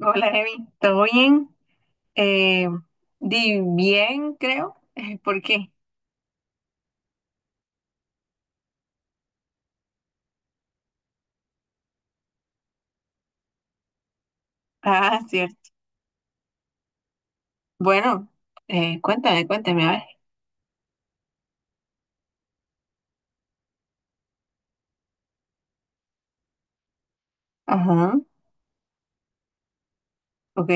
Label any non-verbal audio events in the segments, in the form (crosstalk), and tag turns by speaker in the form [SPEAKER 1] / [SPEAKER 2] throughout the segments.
[SPEAKER 1] Hola, Evi. ¿Todo bien? Eh, Di bien, creo. (laughs) ¿Por qué? Ah, cierto. Bueno, cuéntame, cuéntame, a ver. Ajá, ok.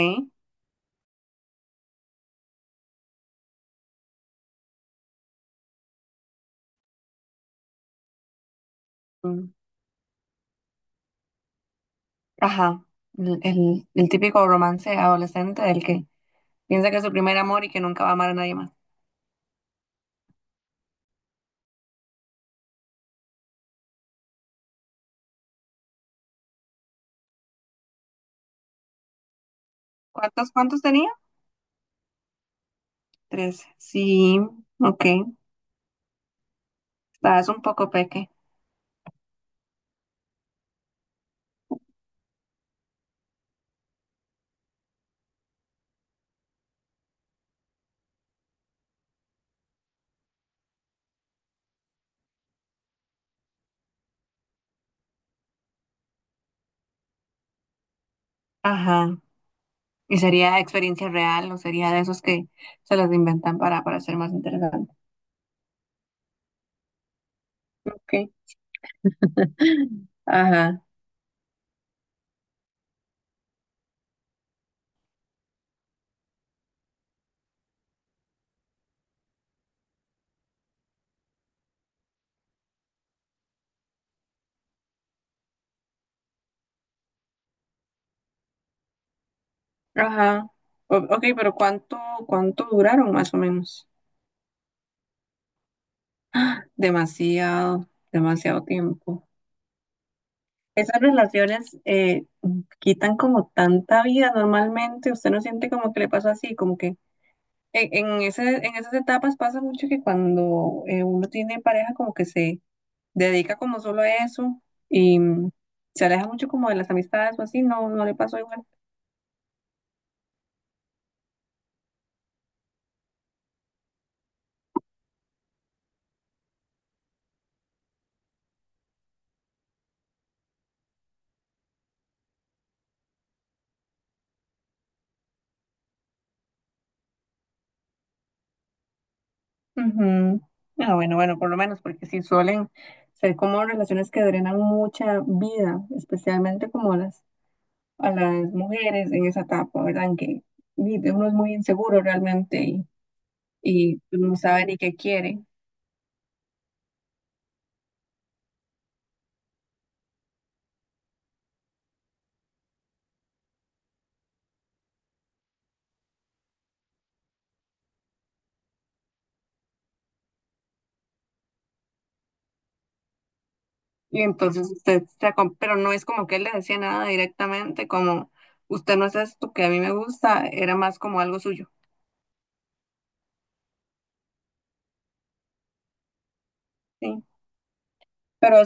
[SPEAKER 1] Mm, ajá. El típico romance adolescente del que piensa que es su primer amor y que nunca va a amar a nadie más. ¿Cuántos tenía? Tres. Sí, ok. Estabas un poco peque. Ajá. ¿Y sería experiencia real o sería de esos que se los inventan para ser más interesante? Ok. (laughs) Ajá. Ajá. Ok, pero ¿cuánto duraron más o menos? Demasiado, demasiado tiempo. Esas relaciones quitan como tanta vida normalmente. Usted no siente como que le pasa así, como que en esas etapas pasa mucho que cuando uno tiene pareja como que se dedica como solo a eso y se aleja mucho como de las amistades o así, no, no le pasó igual. Ujú. Ah, bueno, bueno, por lo menos, porque sí suelen ser como relaciones que drenan mucha vida, especialmente como a las mujeres en esa etapa, ¿verdad? En que uno es muy inseguro realmente y no sabe ni qué quiere. Y entonces usted pero no es como que él le decía nada directamente, como usted no es esto que a mí me gusta, era más como algo suyo, ¿sí? Pero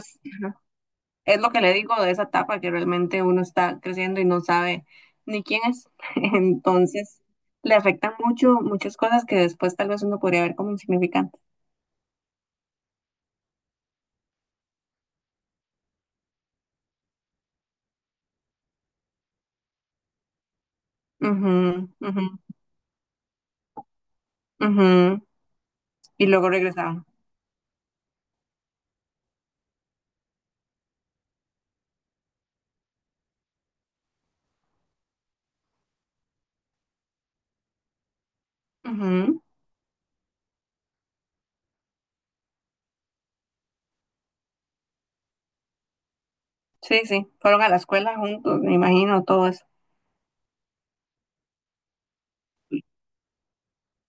[SPEAKER 1] es lo que le digo de esa etapa que realmente uno está creciendo y no sabe ni quién es. (laughs) Entonces, le afectan mucho muchas cosas que después tal vez uno podría ver como insignificantes. Ujú, ujú, ujú. Y luego regresaban. Ujú. Sí, sí, fueron a la escuela juntos, me imagino, todo eso.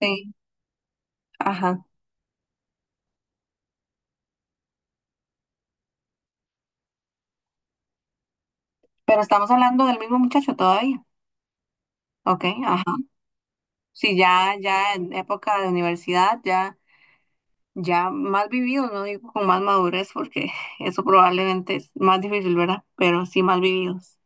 [SPEAKER 1] Sí, ajá. Pero estamos hablando del mismo muchacho todavía. Ok, ajá. Sí, ya, ya en época de universidad, ya. Ya más vividos, no digo con más madurez, porque (laughs) eso probablemente es más difícil, ¿verdad? Pero sí más vividos.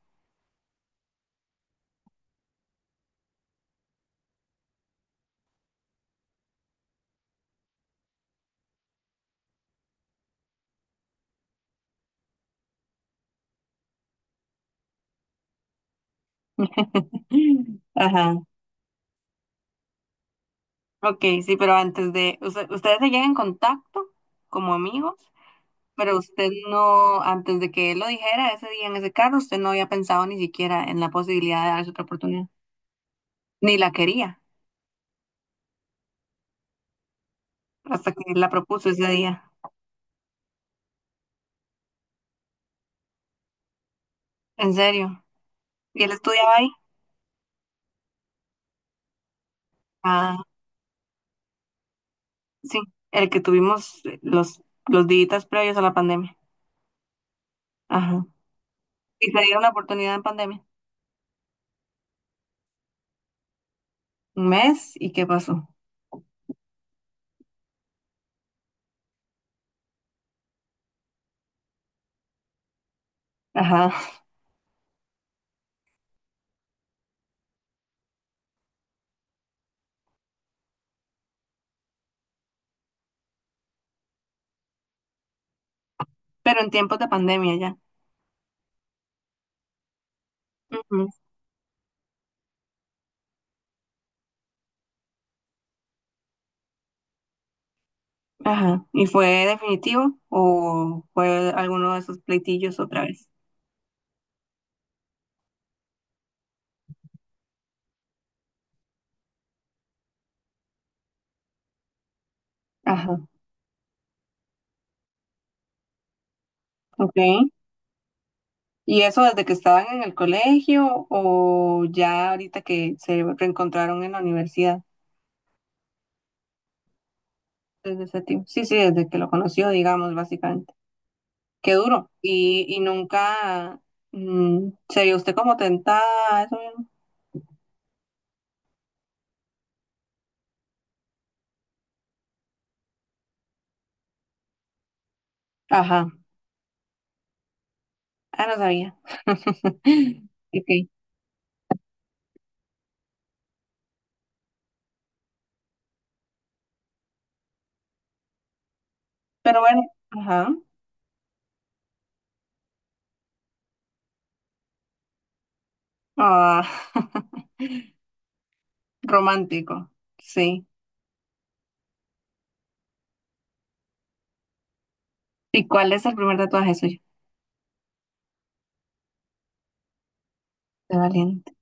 [SPEAKER 1] (laughs) Ajá. Ok, sí, pero antes de, ustedes se llegan en contacto como amigos, pero usted no, antes de que él lo dijera ese día en ese carro, usted no había pensado ni siquiera en la posibilidad de darse otra oportunidad, ni la quería, hasta que él la propuso ese día. ¿En serio? ¿Y él estudiaba ahí? Ah, sí, el que tuvimos los días previos a la pandemia. Ajá. Y se dieron la oportunidad en pandemia. Un mes y qué pasó. Ajá. Pero en tiempos de pandemia ya. Ujú. Ajá. ¿Y fue definitivo o fue alguno de esos pleitillos otra vez? Ajá. Ok. ¿Y eso desde que estaban en el colegio o ya ahorita que se reencontraron en la universidad? Desde ese tiempo. Sí, sí, desde que lo conoció, digamos, básicamente. Qué duro. Y nunca se vio usted como tentada a eso mismo. Ajá. Ah, no sabía. (laughs) Ok. Pero bueno, ajá. Ah, (laughs) romántico. Sí. ¿Y cuál es el primer tatuaje suyo? De valiente.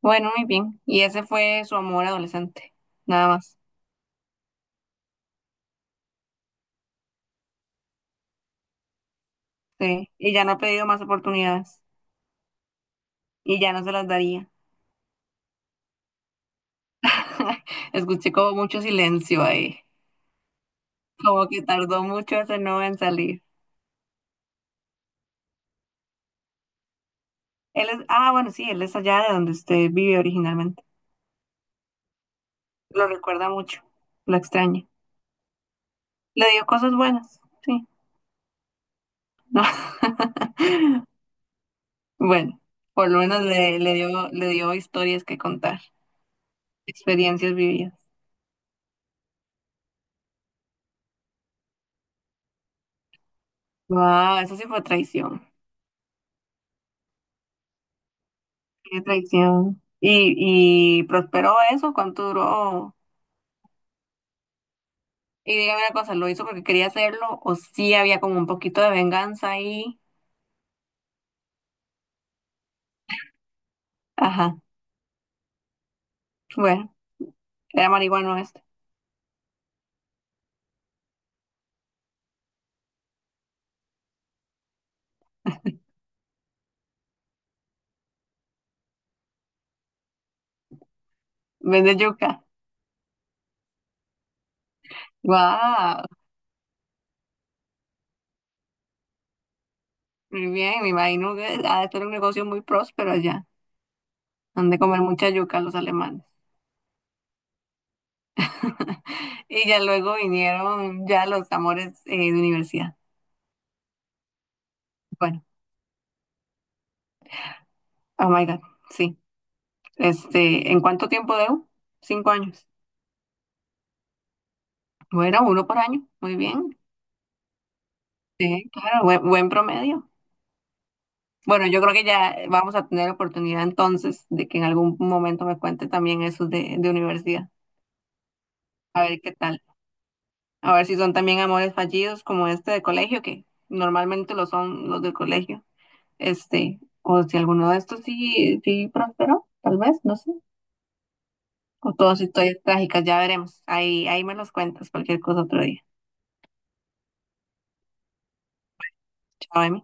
[SPEAKER 1] Bueno, muy bien. Y ese fue su amor adolescente. Nada más. Sí. Y ya no ha pedido más oportunidades. Y ya no se las daría. (laughs) Escuché como mucho silencio ahí. Como que tardó mucho ese no en salir. Él es, ah, bueno, sí, él es allá de donde usted vive originalmente. Lo recuerda mucho. Lo extraña. Le dio cosas buenas. Sí. (laughs) Bueno, por lo menos le dio historias que contar, experiencias vividas. Wow, eso sí fue traición. Qué traición. Y prosperó eso? ¿Cuánto duró? Y dígame una cosa, ¿lo hizo porque quería hacerlo o sí había como un poquito de venganza ahí? Ajá, bueno, era marihuano este. Vende yuca. Wow, muy bien, me imagino que ha de ser un negocio muy próspero allá. Han de comer mucha yuca los alemanes. (laughs) Y ya luego vinieron ya los amores de universidad. Bueno, oh my God, sí. Este, ¿en cuánto tiempo debo? 5 años. Bueno, uno por año. Muy bien. Sí, claro, buen promedio. Bueno, yo creo que ya vamos a tener oportunidad entonces de que en algún momento me cuente también esos de universidad. A ver qué tal. A ver si son también amores fallidos como este de colegio, que normalmente lo son los de colegio. Este, o si alguno de estos sí, sí prosperó, tal vez, no sé. O todas sus historias trágicas, ya veremos. Ahí, ahí me los cuentas cualquier cosa otro día. Chao, Emi.